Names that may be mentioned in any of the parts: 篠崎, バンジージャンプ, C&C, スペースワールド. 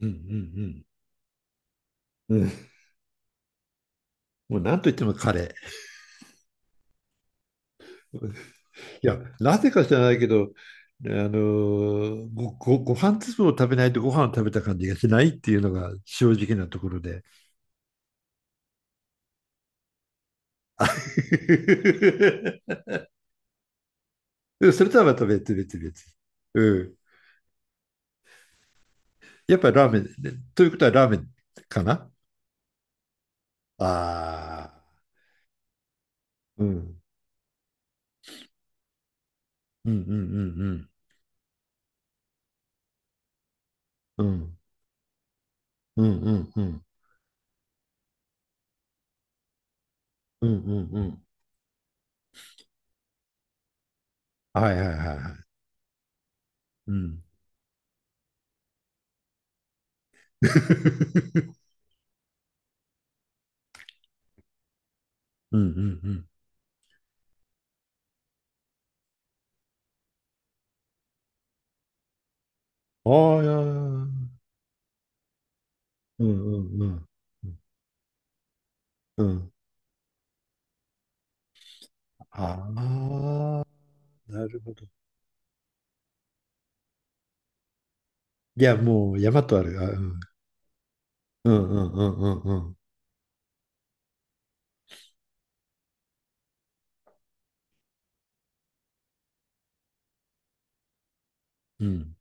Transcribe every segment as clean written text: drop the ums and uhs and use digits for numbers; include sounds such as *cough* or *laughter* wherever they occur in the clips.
うんうんうん。うん、もう何と言っても彼。いや、なぜか知らないけど、ご飯粒を食べないとご飯を食べた感じがしないっていうのが正直なところで。*laughs* でもそれとはまた別。うん。やっぱりラーメン、ねということはラーメンかな。ああー、うん。うんうんうんうん。うんうんうんうん。うんうんうん。はいはいはいはい。うん。*laughs* うんうんうん。ああ、いやいや、うんうんうん。うん。ああ、なるほど。いや、もう山とある。あ、うん。うんうんうんうんうん。うん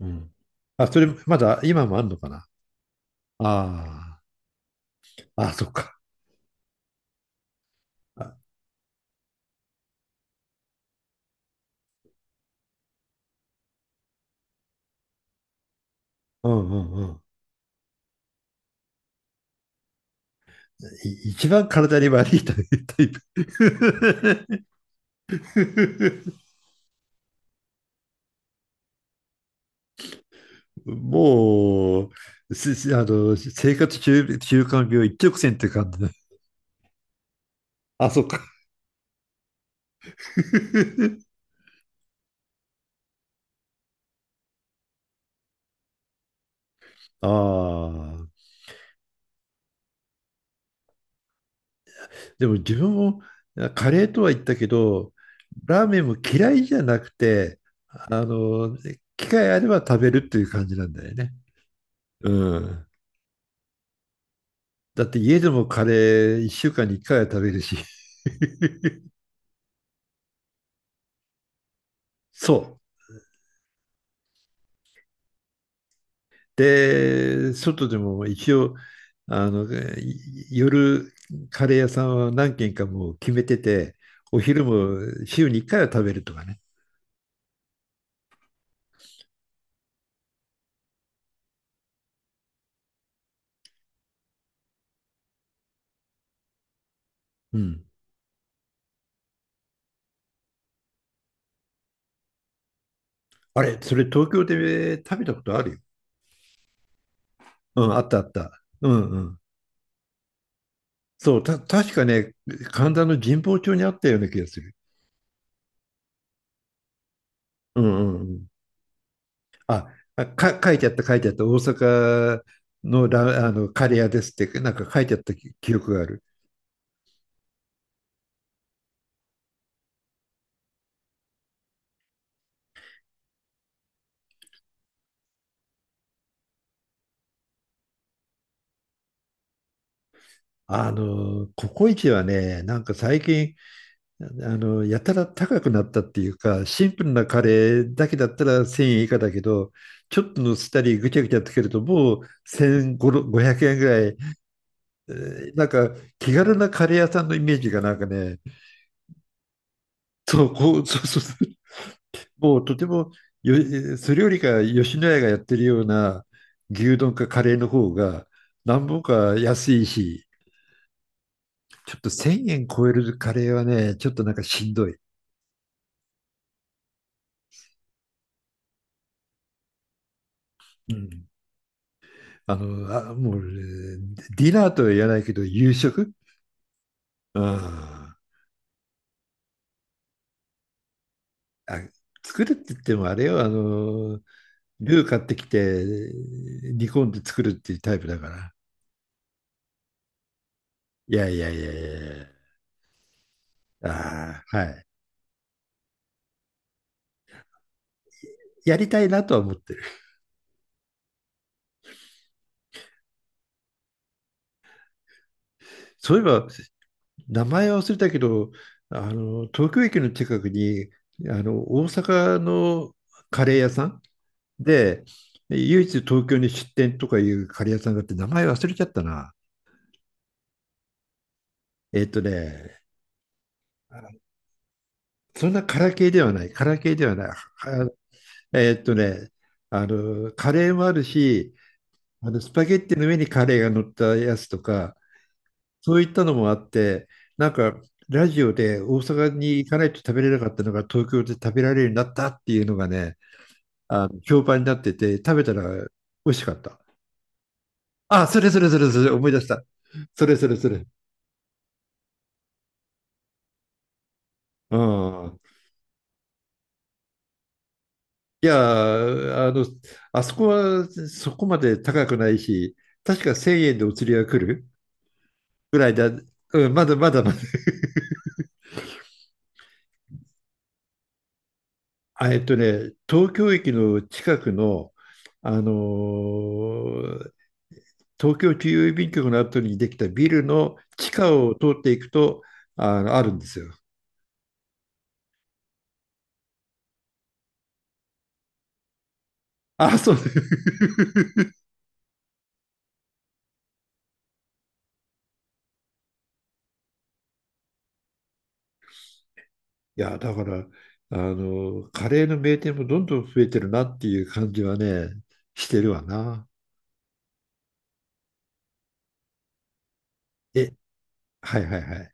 うん。あ、それ、まだ今もあるのかな。ああ、あ、そっか。あ、うんうんうん。一番体に悪いタイプ。*laughs* もう、あの、生活習慣病一直線って感じだ。あ、そっか。*laughs* ああ。でも自分もカレーとは言ったけど、ラーメンも嫌いじゃなくて、あの、機会あれば食べるっていう感じなんだよね。うん。だって家でもカレー1週間に1回は食べるし。*laughs* そう。で、外でも一応、あの、い夜カレー屋さんは何軒かもう決めてて、お昼も週に1回は食べるとかね。うん。あれ、それ東京で食べたことあるよ。うん、あったあった。うんうん。そう、確かね、神田の神保町にあったような気がする。うんうんうん。あ、あか、書いてあった、書いてあった。大阪のあの、カレー屋ですって、なんか書いてあった記憶がある。あの、ココイチはね、なんか最近、あの、やたら高くなったっていうか、シンプルなカレーだけだったら1000円以下だけど、ちょっとのせたりぐちゃぐちゃつけると、もう1500円ぐらい、えーなんか気軽なカレー屋さんのイメージがなんかね、そう、こう、そうそうそう。 *laughs* もうとてもよ、それよりか吉野家がやってるような牛丼かカレーの方が何本か安いし、ちょっと1000円超えるカレーはね、ちょっとなんかしんどい。うん。あの、あ、もう、えーディナーとは言わないけど、夕食。うん、あ、作るって言ってもあれよ、あの、ルー買ってきて、煮込んで作るっていうタイプだから。いや。ああ、はい。やりたいなとは思ってる。そういえば、名前は忘れたけど、あの、東京駅の近くに、あの、大阪のカレー屋さんで、唯一東京に出店とかいうカレー屋さんがあって、名前忘れちゃったな。えっとね、そんなカラ系ではない、カラ系ではない。えっとね、あの、カレーもあるし、あの、スパゲッティの上にカレーが乗ったやつとか、そういったのもあって、なんか、ラジオで大阪に行かないと食べれなかったのが東京で食べられるようになったっていうのがね、あの評判になってて、食べたら美味しかった。あ、それ、思い出した。それ。うん。いや、あの、あそこはそこまで高くないし、確か1000円でお釣りが来るぐらいだ。うん、まだまだまだ。あ、えっとね、東京駅の近くの、あのー東京中央郵便局の後にできたビルの地下を通っていくと、あの、あるんですよ。あ、そういや、だから、あの、カレーの名店もどんどん増えてるなっていう感じはね、してるわな。え、はいはいはい。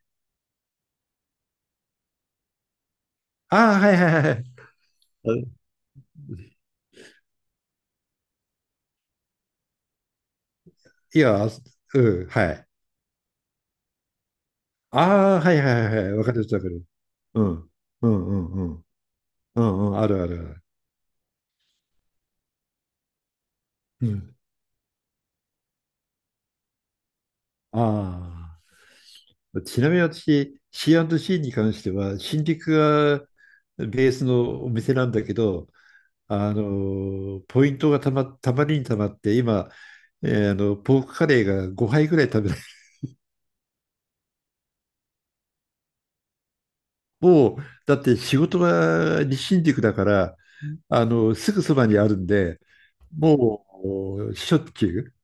ああ、はいはいはい。あ、いや、うん、はい。ああ、はいはいはいわかるわかる。うん。うんうんうん。うんうん、あるあるある。うん。ああ。ちなみに私、C&C に関しては、新宿がベースのお店なんだけど、あのポイントがたまりにたまって今、えーあのポークカレーが5杯ぐらい食べない。 *laughs* もうだって仕事が日新宿だから、あのすぐそばにあるんで、もうしょっちゅう。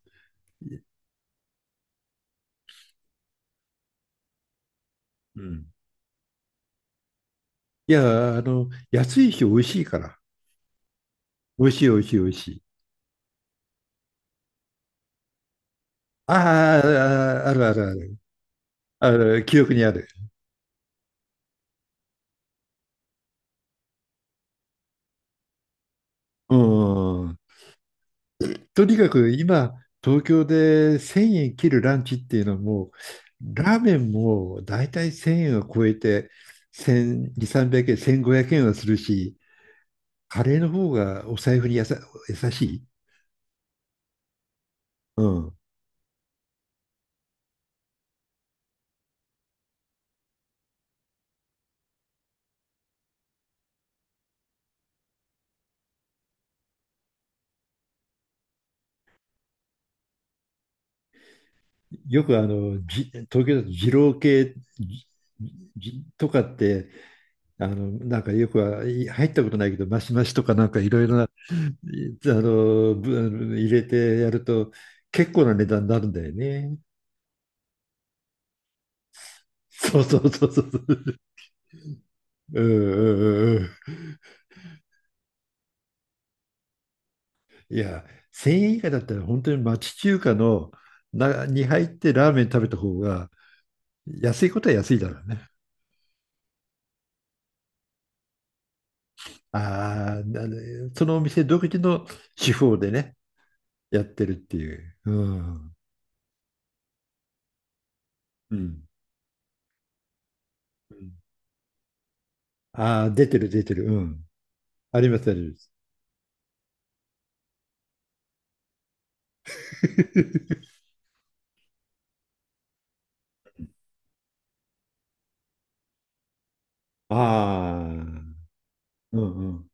うん、いやあの安いし美味しいから。美味しい。あーあ、ああるあるあるある記憶にある。うん。とにかく今、東京で1000円切るランチっていうのはもう、ラーメンも大体1000円を超えて、1000、2、300円、1500円はするし、カレーの方がお財布に優しい。うん。よくあの、東京だと二郎系じとかって、あの、なんかよくはい入ったことないけど、マシマシとかなんかいろいろな、あの、入れてやると結構な値段になるんだよね。そうそうそうそう。うんうんうんうん。いや、1000円以下だったら本当に町中華のなに入ってラーメン食べた方が安いことは安いだろうね。ああ、な、そのお店独自の手法でね、やってるっていう。うん。うん。ああ、出てる出てる。うん。ありますあります。*laughs* ああ、うんうん。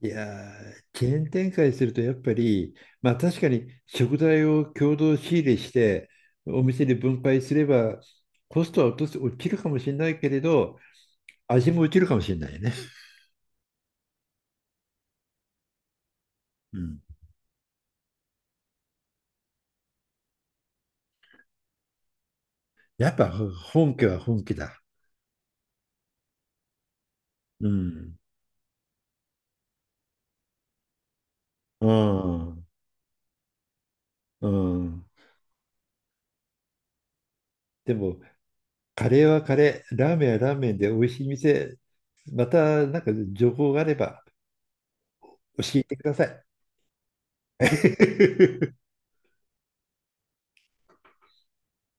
いやー、チェーン展開するとやっぱり、まあ確かに食材を共同仕入れして、お店で分配すれば、コストは落とす、落ちるかもしれないけれど、味も落ちるかもしれないよね。うん。やっぱ本家は本家だ。うん。うん。うん。でも、カレーはカレー、ラーメンはラーメンで美味しい店、またなんか情報があれば教えてください。*laughs*